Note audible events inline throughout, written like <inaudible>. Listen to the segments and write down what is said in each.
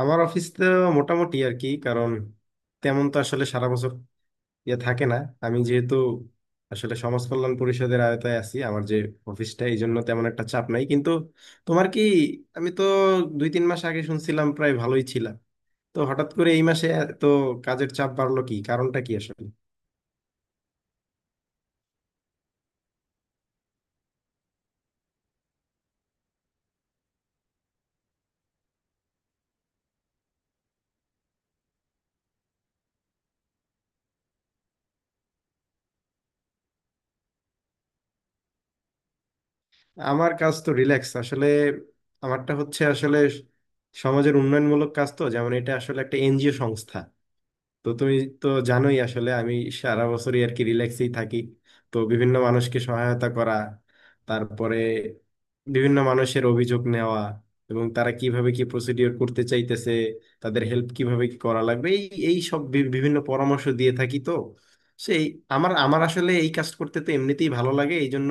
আমার অফিস তো মোটামুটি আর কি। কারণ তেমন তো আসলে সারা বছর ইয়ে থাকে না। আমি যেহেতু আসলে সমাজ কল্যাণ পরিষদের আওতায় আছি, আমার যে অফিসটা, এই জন্য তেমন একটা চাপ নাই। কিন্তু তোমার কি? আমি তো দুই তিন মাস আগে শুনছিলাম, প্রায় ভালোই ছিলাম, তো হঠাৎ করে এই মাসে তো কাজের চাপ বাড়লো, কি কারণটা কি আসলে? আমার কাজ তো রিল্যাক্স আসলে। আমারটা হচ্ছে আসলে সমাজের উন্নয়নমূলক কাজ তো, যেমন এটা আসলে একটা এনজিও সংস্থা। তো তুমি তো জানোই আসলে আমি সারা বছরই আর কি রিল্যাক্সেই থাকি। তো বিভিন্ন মানুষকে সহায়তা করা, তারপরে বিভিন্ন মানুষের অভিযোগ নেওয়া, এবং তারা কিভাবে কি প্রসিডিওর করতে চাইতেছে, তাদের হেল্প কিভাবে কি করা লাগবে, এই এই সব বিভিন্ন পরামর্শ দিয়ে থাকি তো। সেই আমার আমার আসলে এই কাজ করতে তো এমনিতেই ভালো লাগে, এই জন্য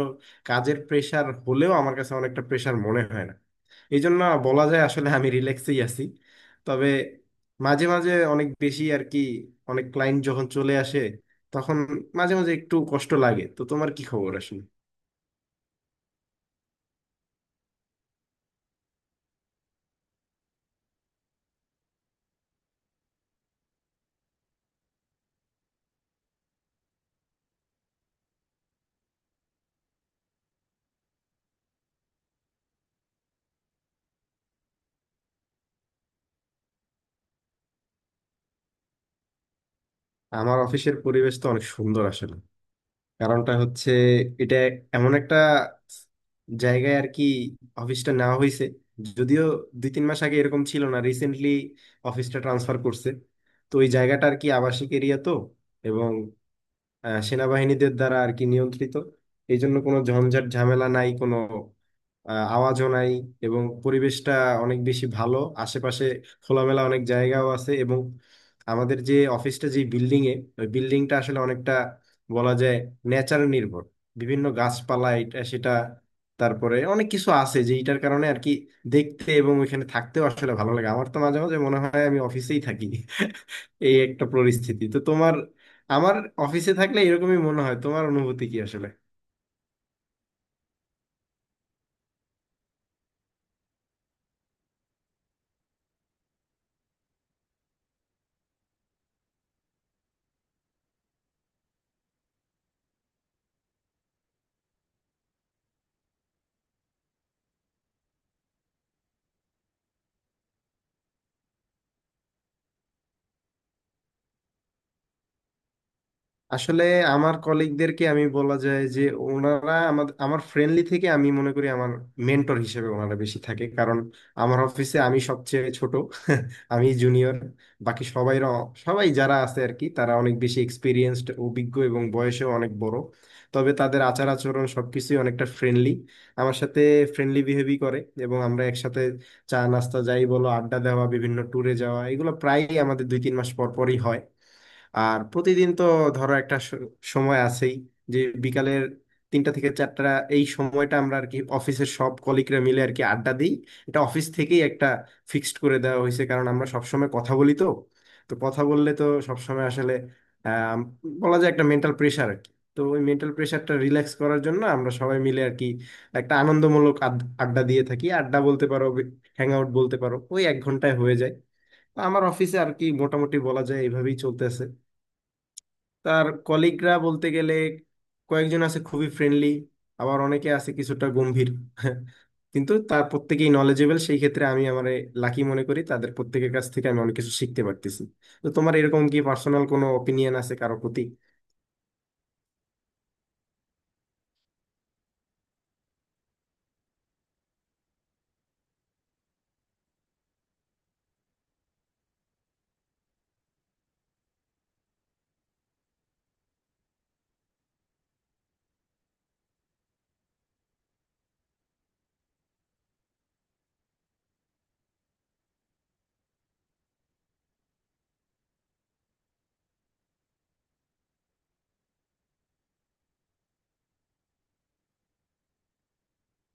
কাজের প্রেশার হলেও আমার কাছে অনেকটা প্রেশার মনে হয় না। এই জন্য বলা যায় আসলে আমি রিল্যাক্সেই আছি। তবে মাঝে মাঝে অনেক বেশি আর কি, অনেক ক্লায়েন্ট যখন চলে আসে, তখন মাঝে মাঝে একটু কষ্ট লাগে। তো তোমার কি খবর আসলে? আমার অফিসের পরিবেশ তো অনেক সুন্দর আসলে। কারণটা হচ্ছে এটা এমন একটা জায়গায় আর কি অফিসটা নেওয়া হয়েছে। যদিও দুই তিন মাস আগে এরকম ছিল না, রিসেন্টলি অফিসটা ট্রান্সফার করছে। তো ওই জায়গাটা আর কি আবাসিক এরিয়া তো, এবং সেনাবাহিনীদের দ্বারা আর কি নিয়ন্ত্রিত। এই জন্য কোনো ঝঞ্ঝাট ঝামেলা নাই, কোনো আওয়াজও নাই। এবং পরিবেশটা অনেক বেশি ভালো। আশেপাশে খোলামেলা অনেক জায়গাও আছে, এবং আমাদের যে অফিসটা যে বিল্ডিং এ, ওই বিল্ডিংটা আসলে অনেকটা বলা যায় নেচার নির্ভর, বিভিন্ন গাছপালা এটা সেটা তারপরে অনেক কিছু আছে, যেটার কারণে আর কি দেখতে এবং ওইখানে থাকতেও আসলে ভালো লাগে। আমার তো মাঝে মাঝে মনে হয় আমি অফিসেই থাকি। এই একটা পরিস্থিতি। তো তোমার, আমার অফিসে থাকলে এরকমই মনে হয়, তোমার অনুভূতি কি আসলে? আসলে আমার কলিগদেরকে আমি বলা যায় যে, ওনারা আমার আমার ফ্রেন্ডলি থেকে আমি মনে করি আমার মেন্টর হিসেবে ওনারা বেশি থাকে, কারণ আমার অফিসে আমি সবচেয়ে ছোট। <laughs> আমি জুনিয়র, বাকি সবাই সবাই যারা আছে আর কি তারা অনেক বেশি এক্সপিরিয়েন্সড অভিজ্ঞ এবং বয়সেও অনেক বড়। তবে তাদের আচার আচরণ সবকিছুই অনেকটা ফ্রেন্ডলি, আমার সাথে ফ্রেন্ডলি বিহেভই করে। এবং আমরা একসাথে চা নাস্তা যাই বলো, আড্ডা দেওয়া, বিভিন্ন ট্যুরে যাওয়া, এগুলো প্রায়ই আমাদের দুই তিন মাস পর পরই হয়। আর প্রতিদিন তো ধরো একটা সময় আছেই, যে বিকালের তিনটা থেকে চারটা এই সময়টা আমরা আর কি অফিসের সব কলিগরা মিলে আর কি আড্ডা দিই। এটা অফিস থেকেই একটা ফিক্সড করে দেওয়া হয়েছে, কারণ আমরা সবসময় কথা বলি তো। তো কথা বললে তো সবসময় আসলে আহ, বলা যায় একটা মেন্টাল প্রেশার আর কি। তো ওই মেন্টাল প্রেশারটা রিল্যাক্স করার জন্য আমরা সবাই মিলে আর কি একটা আনন্দমূলক আড্ডা দিয়ে থাকি, আড্ডা বলতে পারো হ্যাং আউট বলতে পারো, ওই এক ঘন্টায় হয়ে যায়। তো আমার অফিসে আর কি মোটামুটি বলা যায় এইভাবেই চলতেছে। তার কলিগরা বলতে গেলে কয়েকজন আছে খুবই ফ্রেন্ডলি, আবার অনেকে আছে কিছুটা গম্ভীর <laughs> কিন্তু তার প্রত্যেকেই নলেজেবল। সেই ক্ষেত্রে আমি আমার লাকি মনে করি, তাদের প্রত্যেকের কাছ থেকে আমি অনেক কিছু শিখতে পারতেছি। তো তোমার এরকম কি পার্সোনাল কোনো অপিনিয়ন আছে কারো প্রতি?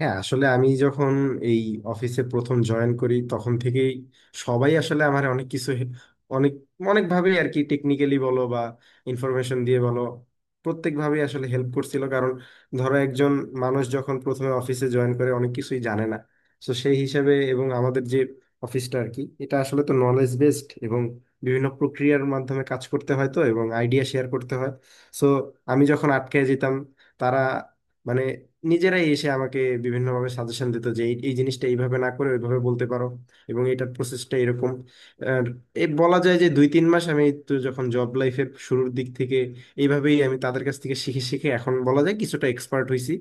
হ্যাঁ আসলে আমি যখন এই অফিসে প্রথম জয়েন করি তখন থেকেই সবাই আসলে আমার অনেক কিছু অনেক অনেকভাবেই আর কি, টেকনিক্যালি বলো বা ইনফরমেশন দিয়ে বলো, প্রত্যেকভাবেই আসলে হেল্প করছিল। কারণ ধরো একজন মানুষ যখন প্রথমে অফিসে জয়েন করে অনেক কিছুই জানে না, তো সেই হিসাবে। এবং আমাদের যে অফিসটা আর কি, এটা আসলে তো নলেজ বেসড এবং বিভিন্ন প্রক্রিয়ার মাধ্যমে কাজ করতে হয় তো, এবং আইডিয়া শেয়ার করতে হয়। সো আমি যখন আটকে যেতাম, তারা মানে নিজেরাই এসে আমাকে বিভিন্নভাবে সাজেশন দিত যে এই এই জিনিসটা এইভাবে না করে ওইভাবে বলতে পারো, এবং এটার প্রসেসটা এরকম। আর এ বলা যায় যে, দুই তিন মাস আমি তো যখন জব লাইফের শুরুর দিক থেকে এইভাবেই আমি তাদের কাছ থেকে শিখে শিখে এখন বলা যায় কিছুটা এক্সপার্ট হয়েছি।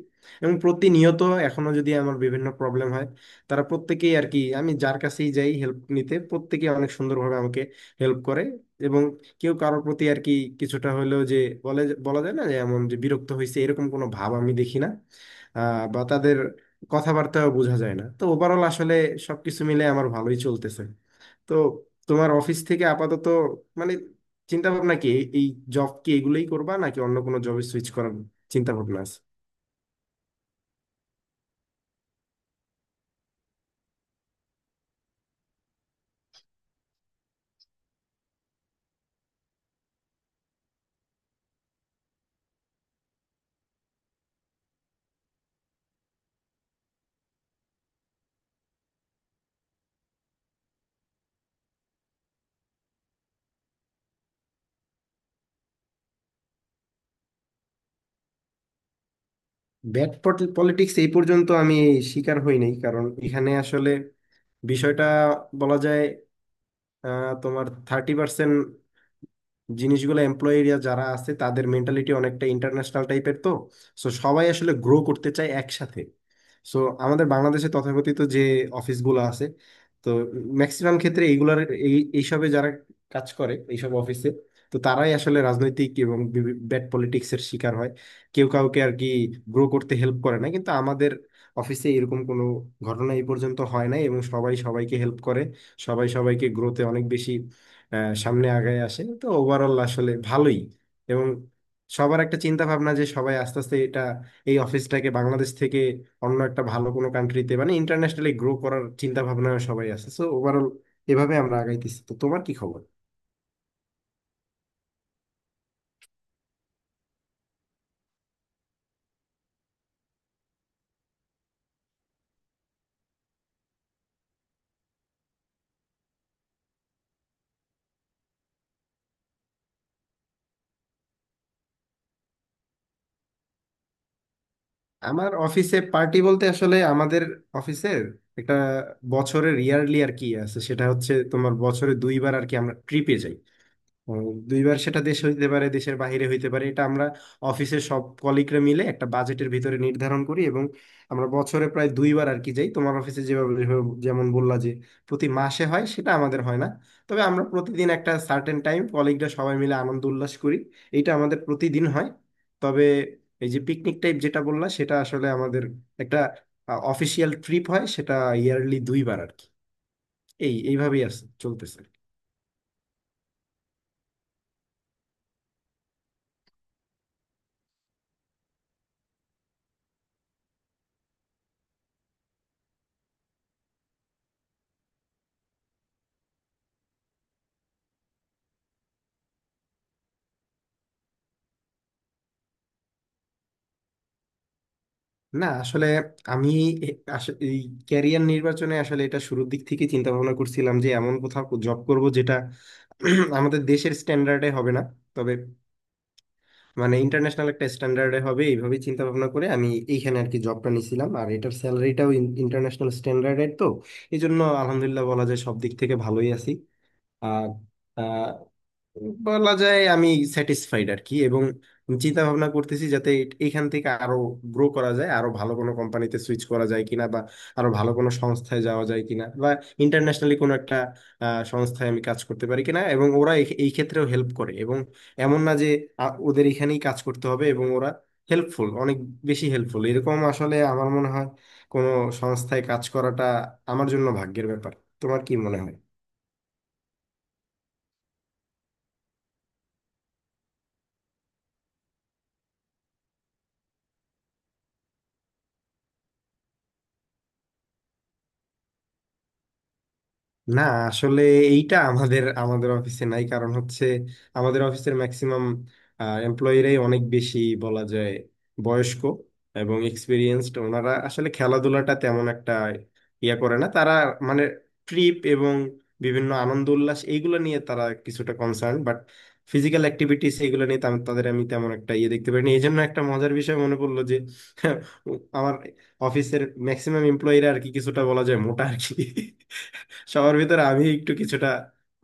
এবং প্রতিনিয়ত এখনো যদি আমার বিভিন্ন প্রবলেম হয়, তারা প্রত্যেকেই আর কি, আমি যার কাছেই যাই হেল্প নিতে প্রত্যেকেই অনেক সুন্দরভাবে আমাকে হেল্প করে। এবং কেউ কারোর প্রতি আর কি কিছুটা হলেও যে বলে, বলা যায় না যে এমন যে বিরক্ত হয়েছে এরকম কোনো ভাব আমি দেখি না, বা তাদের কথাবার্তাও বোঝা যায় না। তো ওভারঅল আসলে সবকিছু মিলে আমার ভালোই চলতেছে। তো তোমার অফিস থেকে আপাতত মানে চিন্তা ভাবনা কি, এই এই জব কি এগুলোই করবা নাকি অন্য কোনো জবে সুইচ করার চিন্তা ভাবনা আছে? ব্যাড পলিটিক্স এই পর্যন্ত আমি শিকার হই নাই, কারণ এখানে আসলে বিষয়টা বলা যায় তোমার 30% জিনিসগুলো, এমপ্লয়িরা যারা আছে তাদের মেন্টালিটি অনেকটা ইন্টারন্যাশনাল টাইপের তো। সো সবাই আসলে গ্রো করতে চায় একসাথে। সো আমাদের বাংলাদেশে তথাকথিত যে অফিসগুলো আছে, তো ম্যাক্সিমাম ক্ষেত্রে এইগুলার এইসবে যারা কাজ করে এইসব অফিসে, তো তারাই আসলে রাজনৈতিক এবং ব্যাড পলিটিক্সের শিকার হয়, কেউ কাউকে আর কি গ্রো করতে হেল্প করে না। কিন্তু আমাদের অফিসে এরকম কোনো ঘটনা এই পর্যন্ত হয় নাই, এবং সবাই সবাইকে হেল্প করে, সবাই সবাইকে গ্রোতে অনেক বেশি সামনে আগায় আসে। তো ওভারঅল আসলে ভালোই। এবং সবার একটা চিন্তা ভাবনা, যে সবাই আস্তে আস্তে এটা এই অফিসটাকে বাংলাদেশ থেকে অন্য একটা ভালো কোনো কান্ট্রিতে মানে ইন্টারন্যাশনালি গ্রো করার চিন্তা ভাবনা সবাই আছে। সো ওভারঅল এভাবে আমরা আগাইতেছি। তো তোমার কি খবর? আমার অফিসে পার্টি বলতে আসলে আমাদের অফিসের একটা বছরের ইয়ারলি আর কি আছে, সেটা হচ্ছে তোমার বছরে দুইবার আর কি আমরা ট্রিপে যাই। ও, দুইবার, সেটা দেশ হইতে পারে দেশের বাইরে হইতে পারে, এটা আমরা অফিসের সব কলিগরা মিলে একটা বাজেটের ভিতরে নির্ধারণ করি, এবং আমরা বছরে প্রায় দুইবার আর কি যাই। তোমার অফিসে যেভাবে যেভাবে- যেমন বললা যে প্রতি মাসে হয়, সেটা আমাদের হয় না। তবে আমরা প্রতিদিন একটা সার্টেন টাইম কলিগরা সবাই মিলে আনন্দ উল্লাস করি, এটা আমাদের প্রতিদিন হয়। তবে এই যে পিকনিক টাইপ যেটা বললা, সেটা আসলে আমাদের একটা অফিসিয়াল ট্রিপ হয়, সেটা ইয়ারলি দুইবার আর কি, এইভাবেই আছে চলতেছে। না আসলে আমি এ- এই ক্যারিয়ার নির্বাচনে আসলে এটা শুরুর দিক থেকে চিন্তা ভাবনা করছিলাম যে এমন কোথাও জব করব যেটা <clears throat> আমাদের দেশের স্ট্যান্ডার্ডে হবে না। তবে মানে ইন্টারন্যাশনাল একটা স্ট্যান্ডার্ডে হবে, এইভাবে চিন্তা ভাবনা করে আমি এইখানে আর কি জবটা নিয়েছিলাম। আর এটার স্যালারিটাও ইন্টারন্যাশনাল স্ট্যান্ডার্ডের তো, এই জন্য আলহামদুলিল্লাহ বলা যায় সব দিক থেকে ভালোই আছি। আর বলা যায় আমি স্যাটিসফাইড আর কি, এবং চিন্তা ভাবনা করতেছি যাতে এখান থেকে আরো গ্রো করা যায়, আরো ভালো কোনো কোম্পানিতে সুইচ করা যায় কিনা, বা আরো ভালো কোনো সংস্থায় যাওয়া যায় কিনা, বা ইন্টারন্যাশনালি কোনো একটা সংস্থায় আমি কাজ করতে পারি কিনা। এবং ওরা এই এই ক্ষেত্রেও হেল্প করে, এবং এমন না যে ওদের এখানেই কাজ করতে হবে। এবং ওরা হেল্পফুল, অনেক বেশি হেল্পফুল, এরকম আসলে আমার মনে হয় কোনো সংস্থায় কাজ করাটা আমার জন্য ভাগ্যের ব্যাপার। তোমার কি মনে হয়? না আসলে এইটা আমাদের আমাদের অফিসে নাই, কারণ হচ্ছে আমাদের অফিসের ম্যাক্সিমাম এমপ্লয়িরাই অনেক বেশি বলা যায় বয়স্ক এবং এক্সপিরিয়েন্সড, ওনারা আসলে খেলাধুলাটা তেমন একটা ইয়া করে না। তারা মানে ট্রিপ এবং বিভিন্ন আনন্দ উল্লাস এইগুলো নিয়ে তারা কিছুটা কনসার্ন, বাট ফিজিক্যাল অ্যাক্টিভিটিস এগুলো নিয়ে তাদের আমি তেমন একটা ইয়ে দেখতে পারিনি। এই জন্য একটা মজার বিষয় মনে পড়লো, যে <laughs> আমার অফিসের ম্যাক্সিমাম এমপ্লয়িরা আর কি কিছুটা বলা যায় মোটা আর কি। সবার ভিতরে আমি একটু কিছুটা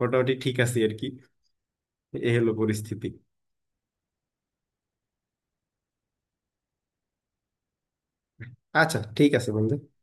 মোটামুটি ঠিক আছি আর কি। এ হলো পরিস্থিতি। আচ্ছা ঠিক আছে বন্ধু।